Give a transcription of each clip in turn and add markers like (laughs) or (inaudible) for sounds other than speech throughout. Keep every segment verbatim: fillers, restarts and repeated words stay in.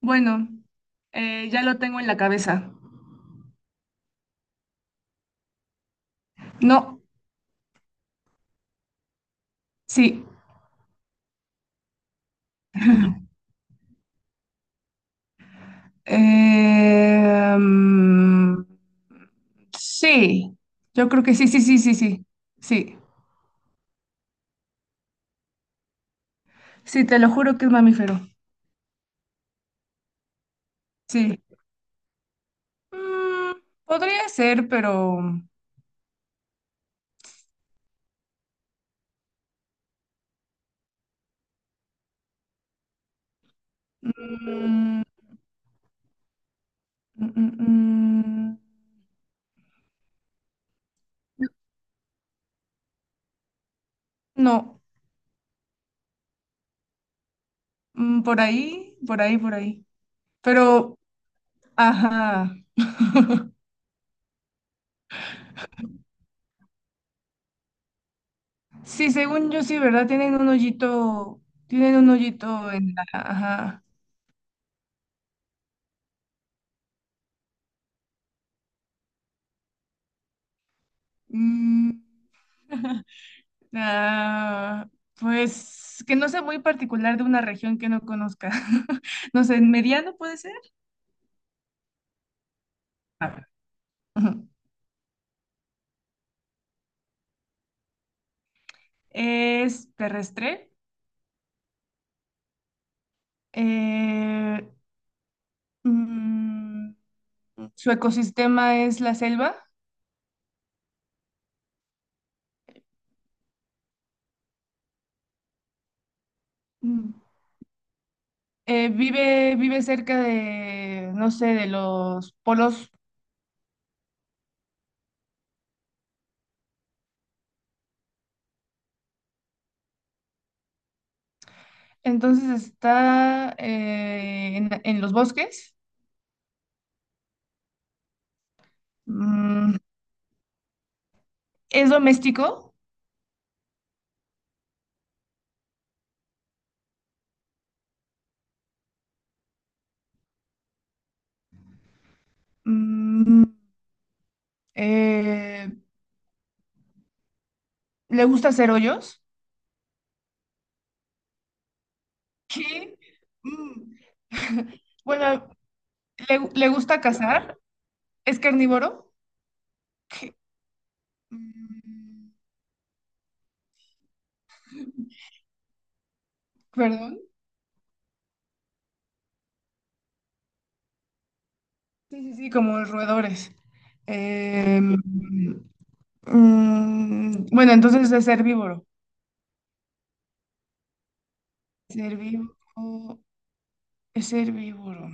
Bueno, eh, ya lo tengo en la cabeza. No, sí. Eh, mm, sí, yo creo que sí, sí, sí, sí, sí. Sí, sí, te lo juro que es mamífero. Sí. Mm, podría ser, pero... mm, mm, mm, mm, no. Mm, por ahí, por ahí, por ahí. Pero, ajá. Sí, según yo sí, ¿verdad? Tienen un hoyito, tienen un hoyito en la... Ajá. Mm, ah, pues que no sea muy particular de una región que no conozca. (laughs) No sé, mediano puede ser. A ver. Ujú. Es terrestre. Eh, mm, su ecosistema es la selva. Mm. Eh, vive, vive cerca de, no sé, de los polos. Entonces está eh, en, en los bosques. Mm, es doméstico. Mm, eh, ¿Le gusta hacer hoyos? ¿Qué? Mm. (laughs) Bueno, ¿le, ¿le gusta cazar? ¿Es carnívoro? ¿Qué? Mm. ¿Perdón? Sí, sí, sí, como los roedores. Em, mm, bueno, entonces es herbívoro. Es herbívoro. Es herbívoro.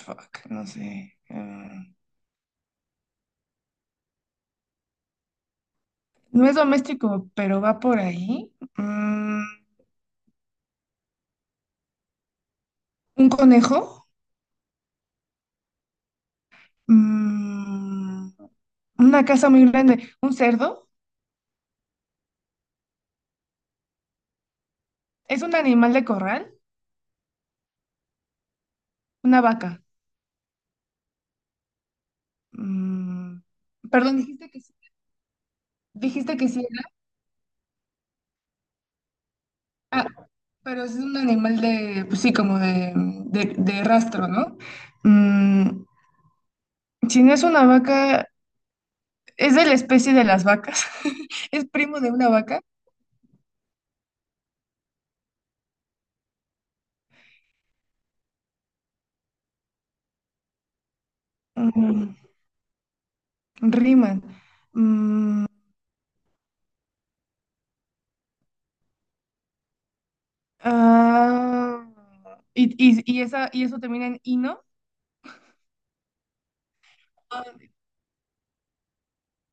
Fuck, no sé. Ah, no es doméstico, pero va por ahí. Mm, ¿un conejo? Mm, una casa muy grande. ¿Un cerdo? ¿Es un animal de corral? Una vaca. Mm, perdón, dijiste que sí. Dijiste que sí era, pero es un animal de, pues sí, como de, de- de rastro, ¿no? Mm, si no es una vaca, es de la especie de las vacas. (laughs) Es primo de una vaca. Mm, riman. Mm, ah, y, y- y esa, y eso termina en ino. Ah,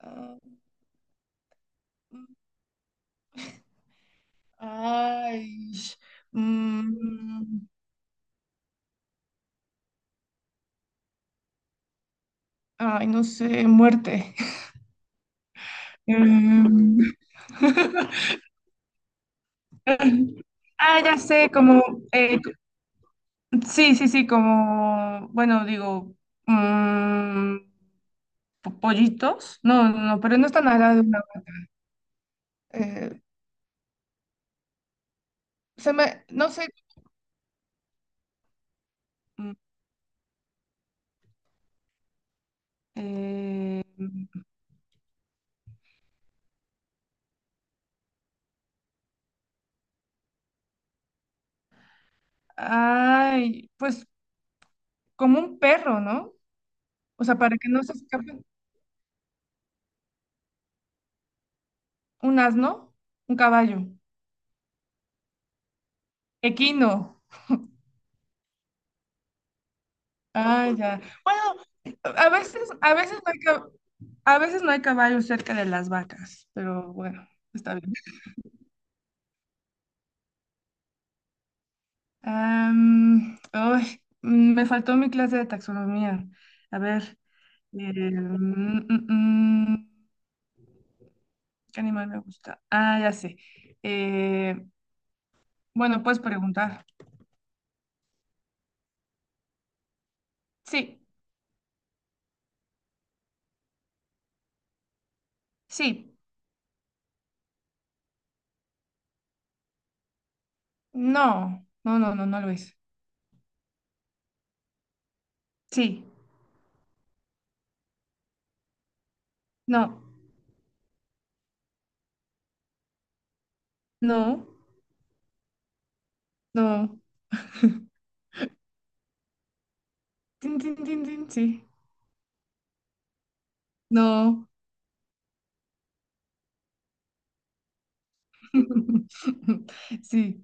ah, ay, mm, ay, no sé, muerte. (laughs) Mm. (laughs) Ah, ya sé, como, eh, sí, sí, sí, como, bueno, digo, mm, po- pollitos. No, no, no, pero no están al lado de una. eh, se me, no sé. mm, eh, ay, pues como un perro, ¿no? O sea, para que no se escape un asno, un caballo, equino. Ah, ya. Bueno, a veces, a veces no hay, ca- a veces no hay caballos cerca de las vacas, pero bueno, está bien. Am, ay, mm, me faltó mi clase de taxonomía. A ver, eh, mm, mm, mm, ¿qué animal me gusta? Ah, ya sé. Eh, bueno, puedes preguntar. Sí, sí, no, no, no, no, no lo es. Sí, no, no, no. Tin, tin, tin, tin, sí, no. (laughs) Sí,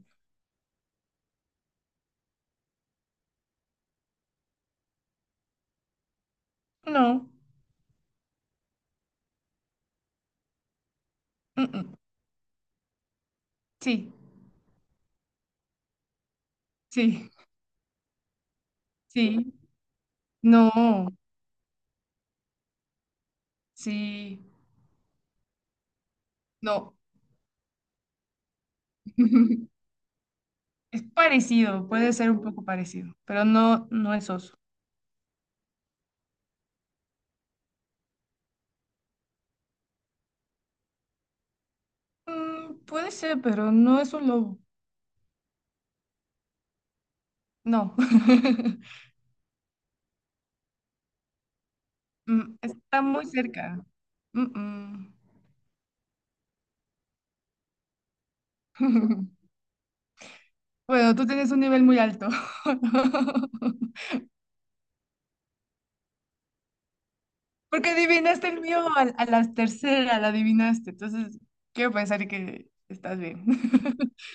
no, mm, mm, sí, sí, sí, no, sí, no. (laughs) Es parecido, puede ser un poco parecido, pero no, no es oso. Mm, puede ser, pero no es un lobo. No. (laughs) Mm, está muy cerca. Mm, mm. (laughs) Bueno, tú tienes un nivel muy alto. (laughs) Porque adivinaste el mío a, a las terceras, la adivinaste. Entonces, quiero pensar que estás bien. (laughs)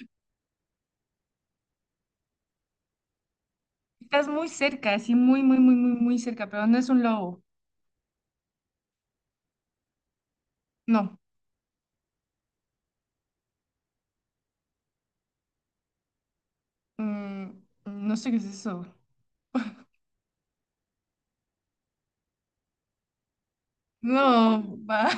Estás muy cerca, así muy, muy, muy, muy, muy cerca, pero no es un lobo. No. Mm, no sé qué es eso. No, va.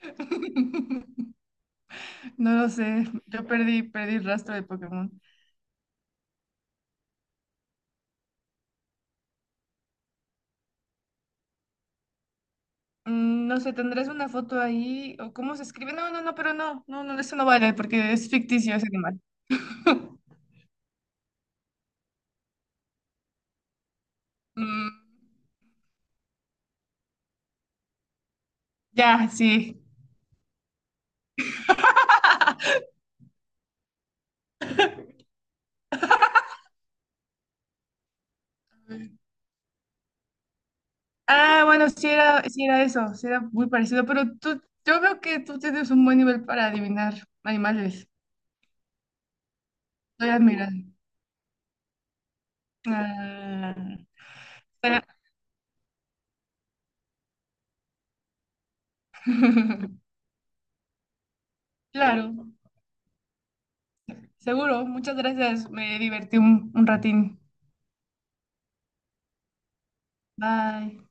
(laughs) No lo sé. Yo perdí, perdí el rastro de Pokémon. Mm, no sé, ¿tendrás una foto ahí? ¿O cómo se escribe? No, no, no, pero no. No, no, eso no vale porque es ficticio ese animal. Mm, ya, sí. Ah, bueno, sí era, sí era eso, sí era muy parecido, pero tú, yo veo que tú tienes un buen nivel para adivinar animales. Estoy admirada. Ah, pero- (laughs) claro, seguro. Muchas gracias. Me divertí un, un ratín. Bye.